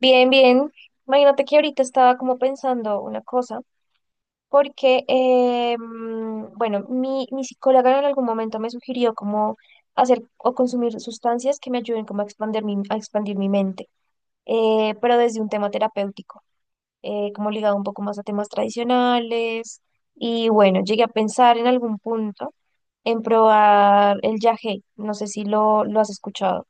Bien, bien. Imagínate que ahorita estaba como pensando una cosa, porque, bueno, mi psicóloga en algún momento me sugirió como hacer o consumir sustancias que me ayuden como a expandir mi mente, pero desde un tema terapéutico, como ligado un poco más a temas tradicionales. Y bueno, llegué a pensar en algún punto en probar el yagé. No sé si lo has escuchado.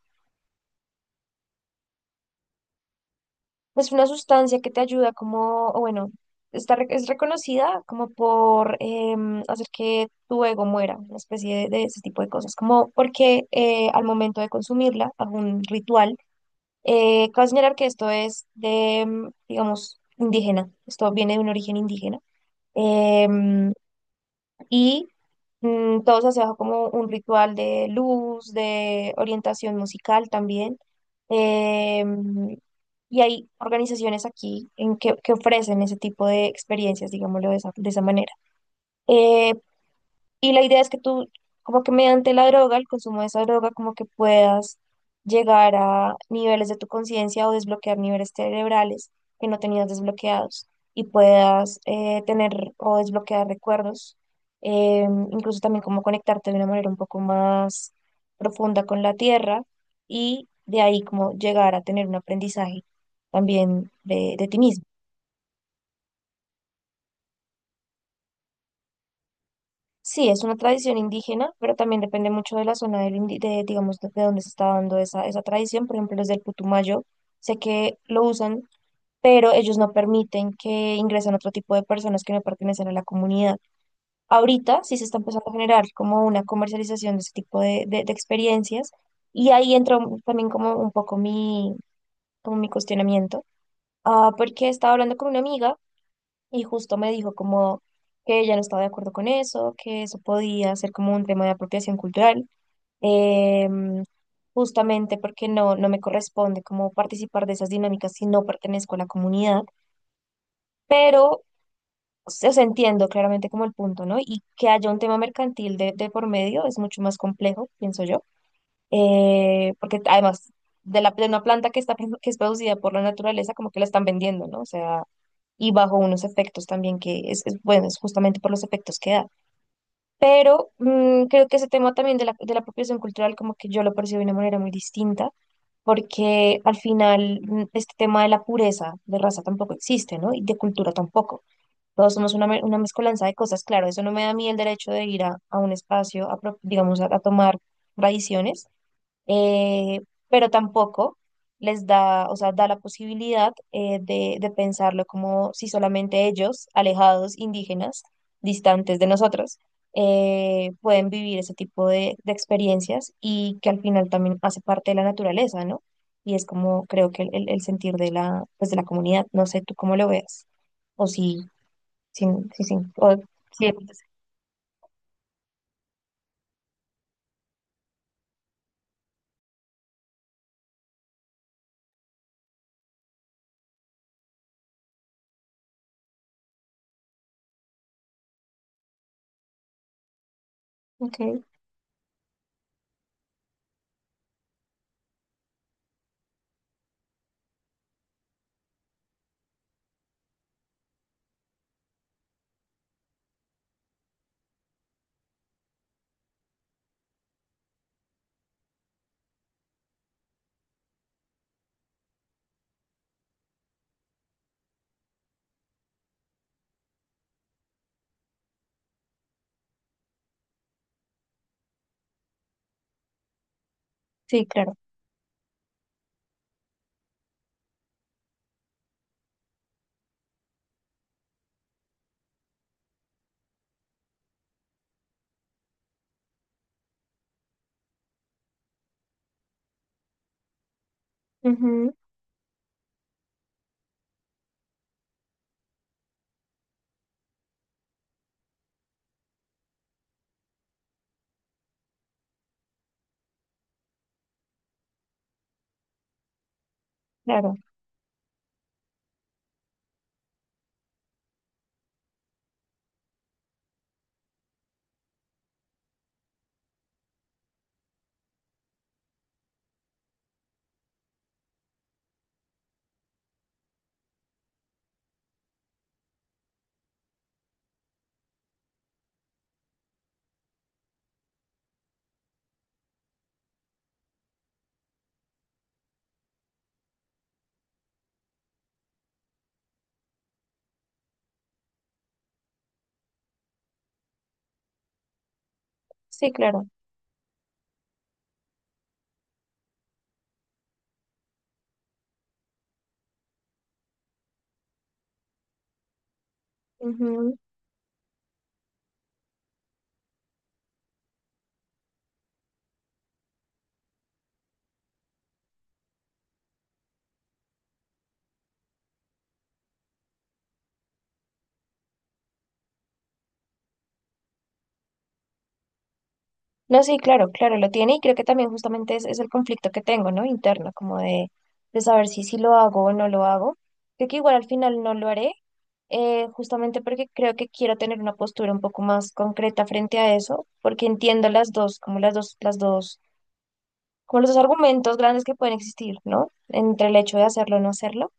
Es una sustancia que te ayuda como, o bueno, es reconocida como por hacer que tu ego muera, una especie de ese tipo de cosas, como porque al momento de consumirla, algún ritual. Cabe señalar que esto es digamos, indígena. Esto viene de un origen indígena. em, y todos hacían como un ritual de luz, de orientación musical también. Em, y hay organizaciones aquí en que ofrecen ese tipo de experiencias, digámoslo de esa manera. Eh, y la idea es que tú, como que mediante la droga, el consumo de esa droga, como que puedas llegar a niveles de tu conciencia o desbloquear niveles cerebrales que no tenías desbloqueados y puedas tener o desbloquear recuerdos, eh, incluso también como conectarte de una manera un poco más profunda con la tierra y de ahí como llegar a tener un aprendizaje también de ti mismo. Sí, es una tradición indígena, pero también depende mucho de la zona de, digamos, de dónde se está dando esa tradición. Por ejemplo, los del Putumayo, sé que lo usan, pero ellos no permiten que ingresen otro tipo de personas que no pertenecen a la comunidad. Ahorita sí se está empezando a generar como una comercialización de ese tipo de experiencias y ahí entra también como un poco como mi cuestionamiento. Porque estaba hablando con una amiga y justo me dijo como que ella no estaba de acuerdo con eso, que eso podía ser como un tema de apropiación cultural. Em, justamente porque no me corresponde como participar de esas dinámicas si no pertenezco a la comunidad, pero o sea, entiendo claramente como el punto, ¿no? Y que haya un tema mercantil de por medio es mucho más complejo, pienso yo. Porque además de una planta que es producida por la naturaleza, como que la están vendiendo, ¿no? O sea, y bajo unos efectos también que bueno, es justamente por los efectos que da. Pero creo que ese tema también de la apropiación cultural, como que yo lo percibo de una manera muy distinta, porque al final este tema de la pureza de raza tampoco existe, ¿no? Y de cultura tampoco. Todos somos una mezcolanza de cosas, claro, eso no me da a mí el derecho de ir a un espacio, digamos, a tomar tradiciones. Eh, pero tampoco les da, o sea, da la posibilidad de pensarlo como si solamente ellos, alejados, indígenas, distantes de nosotros, pueden vivir ese tipo de experiencias y que al final también hace parte de la naturaleza, ¿no? Y es como creo que el sentir pues de la comunidad, no sé tú cómo lo veas, o si, si, si, si- o si-, ok, sí, claro, ujú, claro, sí, claro. Ujú. No, sí, claro, claro, lo tiene y creo que también justamente es el conflicto que tengo, ¿no? Interno, como de saber si sí lo hago o no lo hago. Creo que igual al final no lo haré, justamente porque creo que quiero tener una postura un poco más concreta frente a eso, porque entiendo las dos, como las dos, como los dos argumentos grandes que pueden existir, ¿no? Entre el hecho de hacerlo o no hacerlo,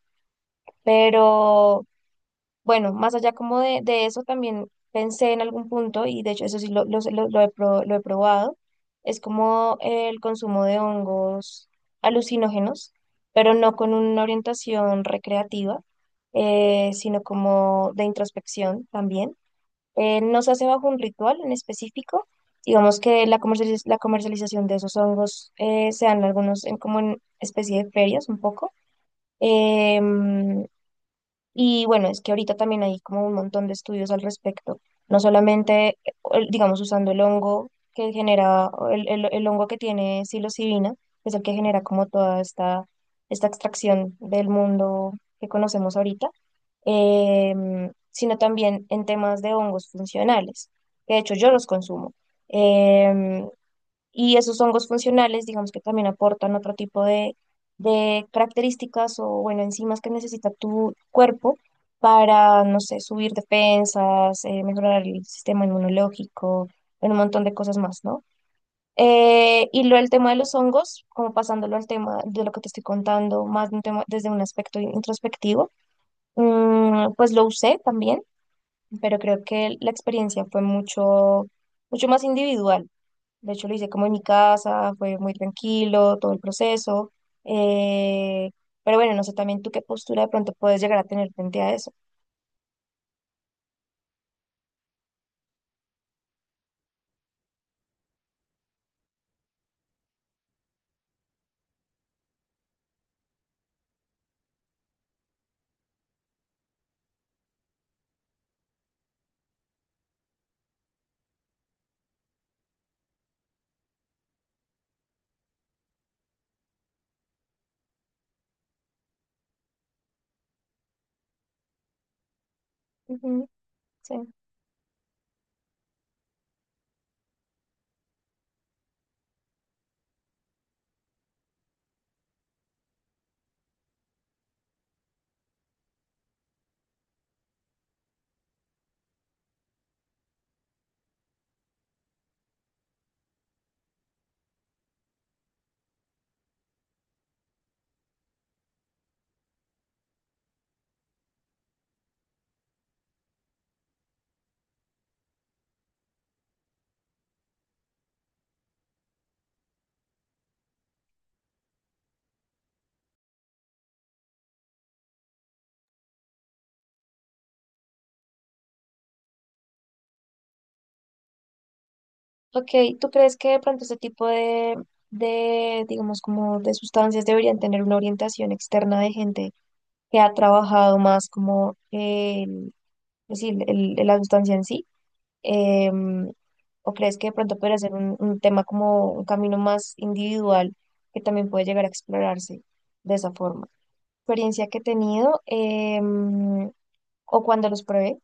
bueno, más allá como de eso, también pensé en algún punto, y de hecho eso sí lo he probado. Es como el consumo de hongos alucinógenos, pero no con una orientación recreativa, sino como de introspección también. No se hace bajo un ritual en específico. Digamos que la comercialización de esos hongos se dan algunos como en especie de ferias un poco. Em, y bueno, es que ahorita también hay como un montón de estudios al respecto, no solamente, digamos, usando el hongo que genera, o el hongo que tiene psilocibina, que es el que genera como toda esta extracción del mundo que conocemos ahorita, sino también en temas de hongos funcionales, que de hecho yo los consumo. Em, y esos hongos funcionales, digamos que también aportan otro tipo de características o, bueno, enzimas que necesita tu cuerpo para, no sé, subir defensas, mejorar el sistema inmunológico, en un montón de cosas más, ¿no? Y lo el tema de los hongos, como pasándolo al tema de lo que te estoy contando, más de un tema, desde un aspecto introspectivo, pues lo usé también, pero creo que la experiencia fue mucho, mucho más individual. De hecho, lo hice como en mi casa, fue muy tranquilo todo el proceso. eh, pero bueno, no sé también tú qué postura de pronto puedes llegar a tener frente a eso. Ujú, sí. Ok, ¿tú crees que de pronto este tipo digamos, como de sustancias deberían tener una orientación externa de gente que ha trabajado más como el, es decir, la sustancia en sí? Em, ¿O crees que de pronto podría ser un tema como un camino más individual que también puede llegar a explorarse de esa forma? Experiencia que he tenido o cuando los probé,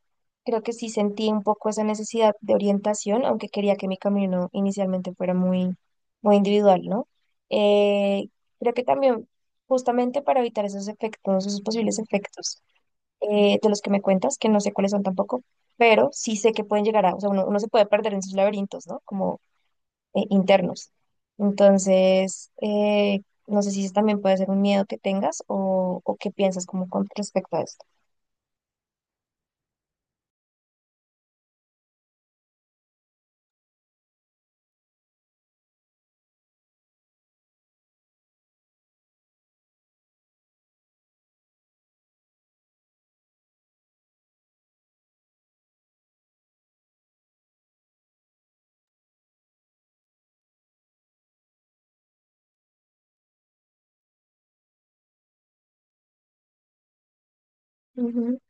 creo que sí sentí un poco esa necesidad de orientación, aunque quería que mi camino inicialmente fuera muy, muy individual, ¿no? Eh, Creo que también justamente para evitar esos efectos, esos posibles efectos de los que me cuentas, que no sé cuáles son tampoco, pero sí sé que pueden llegar a, o sea, uno se puede perder en sus laberintos, ¿no? Como internos. Entonces, no sé si eso también puede ser un miedo que tengas o qué piensas como con respecto a esto. Ujú,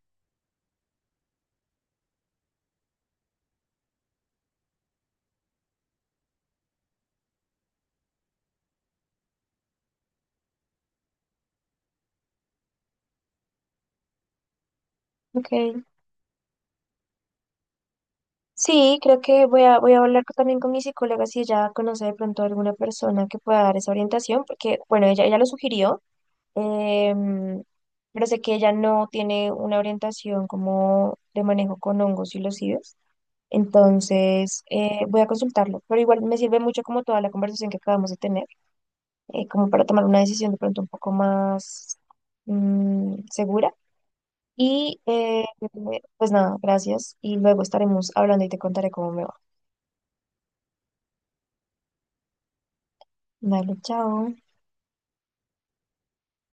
ok. Sí, creo que voy a hablar también con mi psicóloga si ella conoce de pronto alguna persona que pueda dar esa orientación, porque, bueno, ella lo sugirió. Em, pero sé que ella no tiene una orientación como de manejo con hongos y los IDES. Entonces, voy a consultarlo, pero igual me sirve mucho como toda la conversación que acabamos de tener, como para tomar una decisión de pronto un poco más segura. Y pues nada, gracias. Y luego estaremos hablando y te contaré cómo me va. Dale, chao.